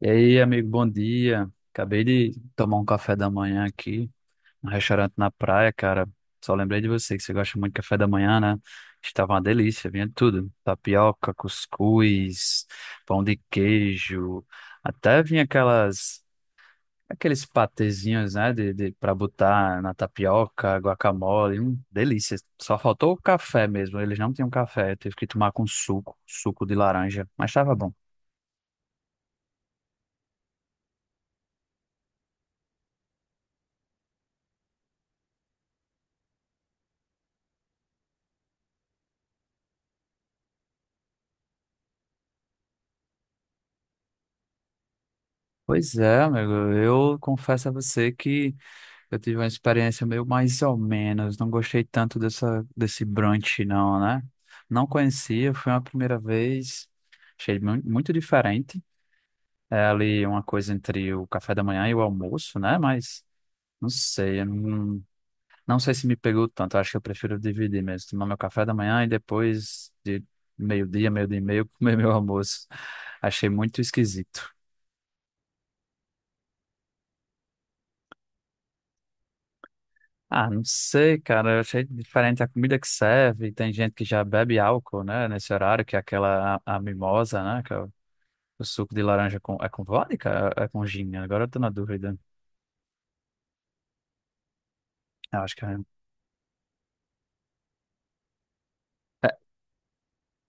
E aí, amigo, bom dia. Acabei de tomar um café da manhã aqui, um restaurante na praia, cara. Só lembrei de você que você gosta muito de café da manhã, né? Estava uma delícia, vinha de tudo. Tapioca, cuscuz, pão de queijo, até vinha aquelas aqueles patezinhos, né, de para botar na tapioca, guacamole, delícia. Só faltou o café mesmo. Eles não tinham café, eu tive que tomar com suco de laranja, mas estava bom. Pois é, amigo, eu confesso a você que eu tive uma experiência meio mais ou menos, não gostei tanto desse brunch não, né? Não conhecia, foi uma primeira vez, achei muito diferente, é ali uma coisa entre o café da manhã e o almoço, né? Mas não sei, eu não, não sei se me pegou tanto, acho que eu prefiro dividir mesmo, tomar meu café da manhã e depois de meio-dia, meio-dia e meio, comer meu almoço, achei muito esquisito. Ah, não sei, cara. Eu achei diferente a comida que serve. Tem gente que já bebe álcool, né? Nesse horário, que é a mimosa, né? Que é o suco de laranja com, é com vodka? É, é com gin? Agora eu tô na dúvida. Eu acho que é,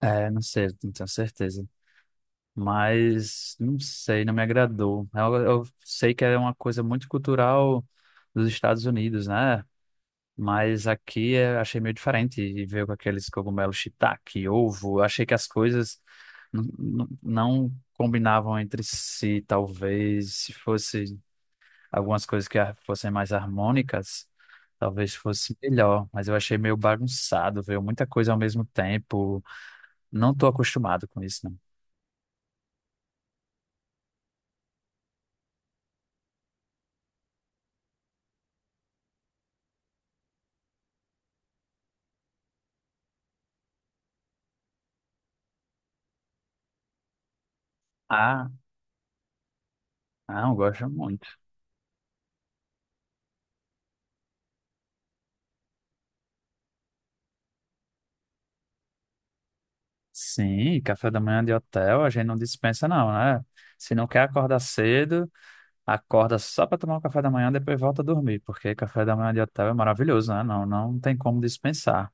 é, é, não sei, não tenho certeza. Mas não sei, não me agradou. Eu sei que é uma coisa muito cultural dos Estados Unidos, né? Mas aqui eu achei meio diferente e veio com aqueles cogumelos shiitake, ovo. Eu achei que as coisas n- não combinavam entre si, talvez se fosse algumas coisas fossem mais harmônicas, talvez fosse melhor, mas eu achei meio bagunçado, veio muita coisa ao mesmo tempo. Não tô acostumado com isso, não. Ah, não, gosto muito. Sim, café da manhã de hotel, a gente não dispensa não, né? Se não quer acordar cedo, acorda só para tomar o café da manhã, depois volta a dormir, porque café da manhã de hotel é maravilhoso, né? Não, não tem como dispensar.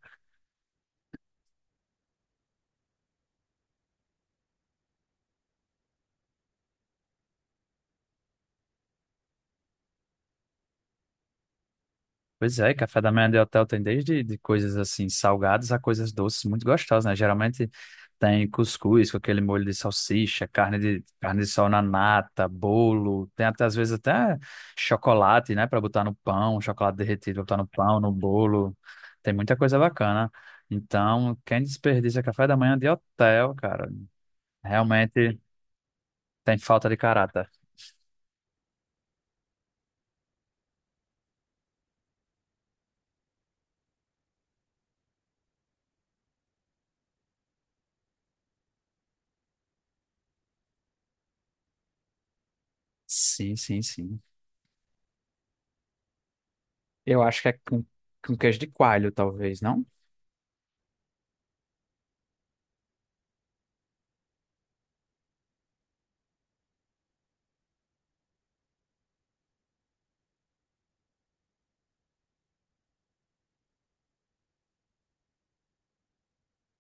Pois é, café da manhã de hotel tem desde de coisas assim salgadas a coisas doces muito gostosas, né? Geralmente tem cuscuz com aquele molho de salsicha, carne de sol na nata, bolo, tem até às vezes até chocolate, né, para botar no pão, chocolate derretido pra botar no pão, no bolo. Tem muita coisa bacana. Então, quem desperdiça café da manhã de hotel, cara, realmente tem falta de caráter. Sim, sim, sim. Eu acho que é com queijo de coalho, talvez, não?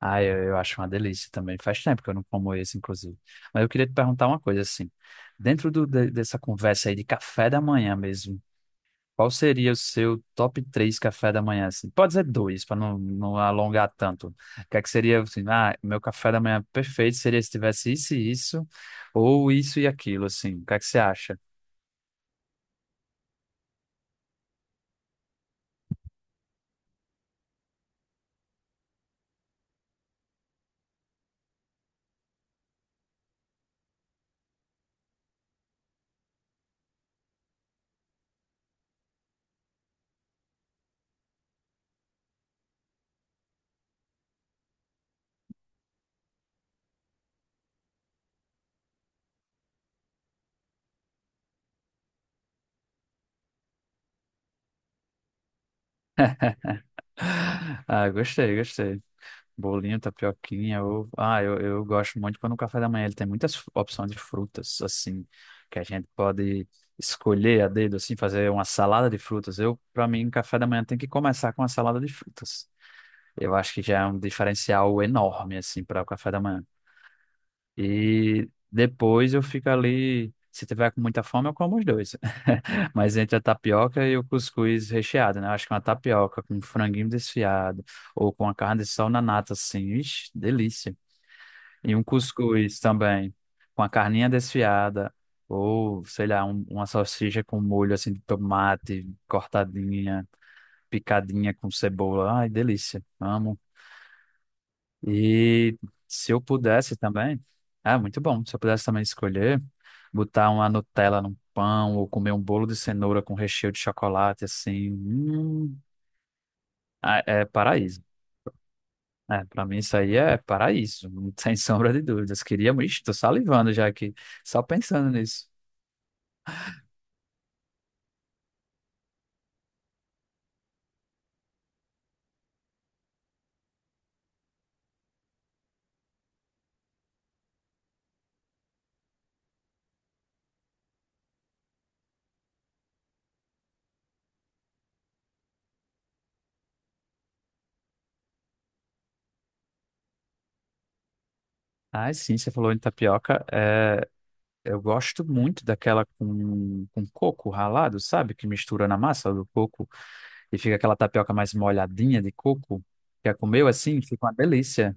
Ah, eu acho uma delícia também. Faz tempo que eu não como esse, inclusive. Mas eu queria te perguntar uma coisa, assim. Dentro dessa conversa aí de café da manhã mesmo, qual seria o seu top três café da manhã, assim? Pode ser dois, para não alongar tanto. O que é que seria, assim, ah, meu café da manhã perfeito seria se tivesse isso e isso, ou isso e aquilo, assim. O que é que você acha? Ah, gostei, gostei. Bolinho, tapioquinha, ovo. Ah, eu gosto muito quando o café da manhã ele tem muitas opções de frutas, assim, que a gente pode escolher a dedo, assim, fazer uma salada de frutas. Eu, para mim, café da manhã tem que começar com uma salada de frutas. Eu acho que já é um diferencial enorme, assim, para o café da manhã. E depois eu fico ali. Se tiver com muita fome, eu como os dois. Mas entre a tapioca e o cuscuz recheado, né? Eu acho que uma tapioca com um franguinho desfiado ou com a carne de sol na nata, assim. Ixi, delícia. E um cuscuz também com a carninha desfiada ou, sei lá, uma salsicha com molho, assim, de tomate cortadinha, picadinha com cebola. Ai, delícia. Amo. E se eu pudesse também, ah, muito bom. Se eu pudesse também escolher, botar uma Nutella num pão ou comer um bolo de cenoura com recheio de chocolate, assim, ah, é paraíso. É, para mim isso aí é paraíso, não tem sombra de dúvidas. Queria, ixi, tô salivando já aqui, só pensando nisso. Ah, sim, você falou em tapioca. É, eu gosto muito daquela com coco ralado, sabe? Que mistura na massa do coco e fica aquela tapioca mais molhadinha de coco. Já comeu assim? Fica uma delícia.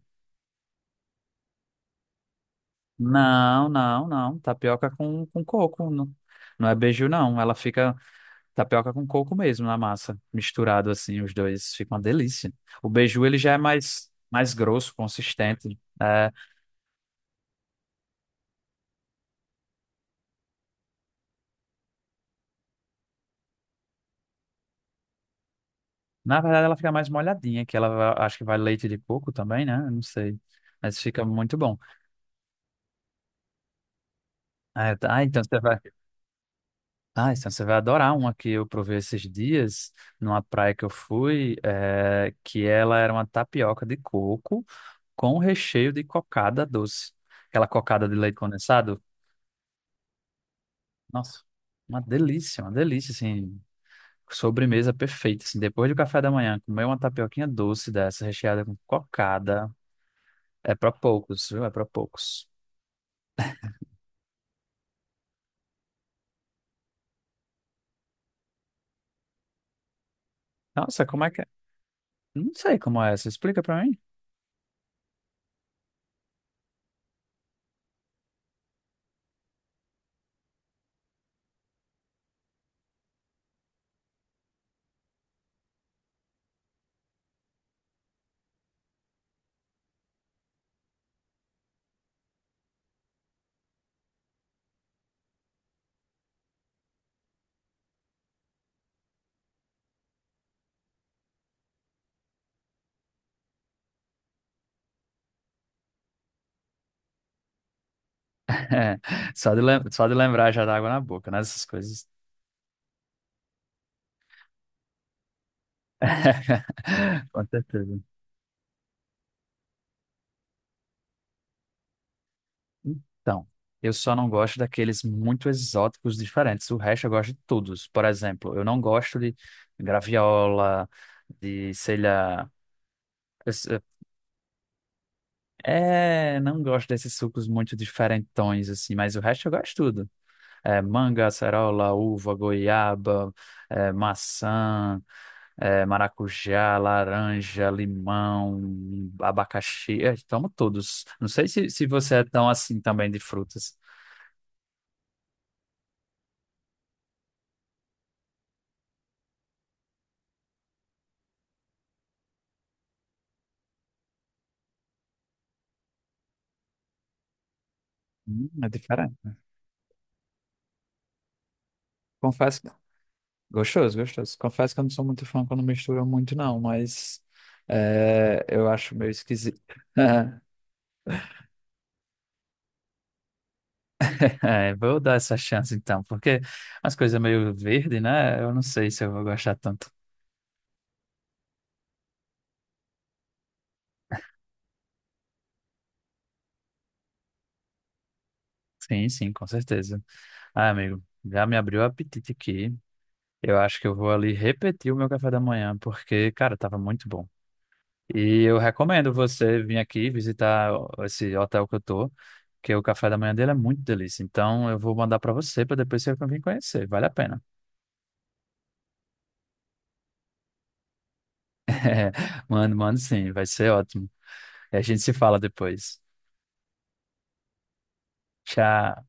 Não, não, não. Tapioca com coco. Não, não é beiju, não. Ela fica tapioca com coco mesmo na massa. Misturado assim, os dois. Fica uma delícia. O beiju, ele já é mais grosso, consistente. É, na verdade, ela fica mais molhadinha, que ela acho que vai leite de coco também, né? Eu não sei. Mas fica muito bom. É, tá, então você vai. Ah, então você vai adorar uma que eu provei esses dias numa praia que eu fui, que ela era uma tapioca de coco com recheio de cocada doce. Aquela cocada de leite condensado. Nossa, uma delícia, assim, sobremesa perfeita, assim, depois do café da manhã, comer uma tapioquinha doce dessa, recheada com cocada, é pra poucos, viu? É pra poucos. Nossa, como é que é? Não sei como é essa, explica pra mim. É, só de lembrar já dá água na boca, né? Essas coisas. Com certeza. Então, eu só não gosto daqueles muito exóticos diferentes. O resto eu gosto de todos. Por exemplo, eu não gosto de graviola, de, sei lá. eu s- É, não gosto desses sucos muito diferentões, assim, mas o resto eu gosto de tudo. É, manga, acerola, uva, goiaba, é, maçã, é, maracujá, laranja, limão, abacaxi. É, tomo todos. Não sei se você é tão assim também de frutas. É diferente. Confesso que... Gostoso, gostoso. Confesso que eu não sou muito fã quando misturam muito, não, mas é, eu acho meio esquisito. É, vou dar essa chance então, porque as coisas meio verde, né? Eu não sei se eu vou gostar tanto. Sim, sim, com certeza. Ah, amigo, já me abriu o apetite aqui. Eu acho que eu vou ali repetir o meu café da manhã, porque, cara, tava muito bom. E eu recomendo você vir aqui visitar esse hotel que eu tô, que o café da manhã dele é muito delícia. Então, eu vou mandar pra você para depois você vir conhecer. Vale a pena. Mano, sim, vai ser ótimo. E a gente se fala depois. Tchau.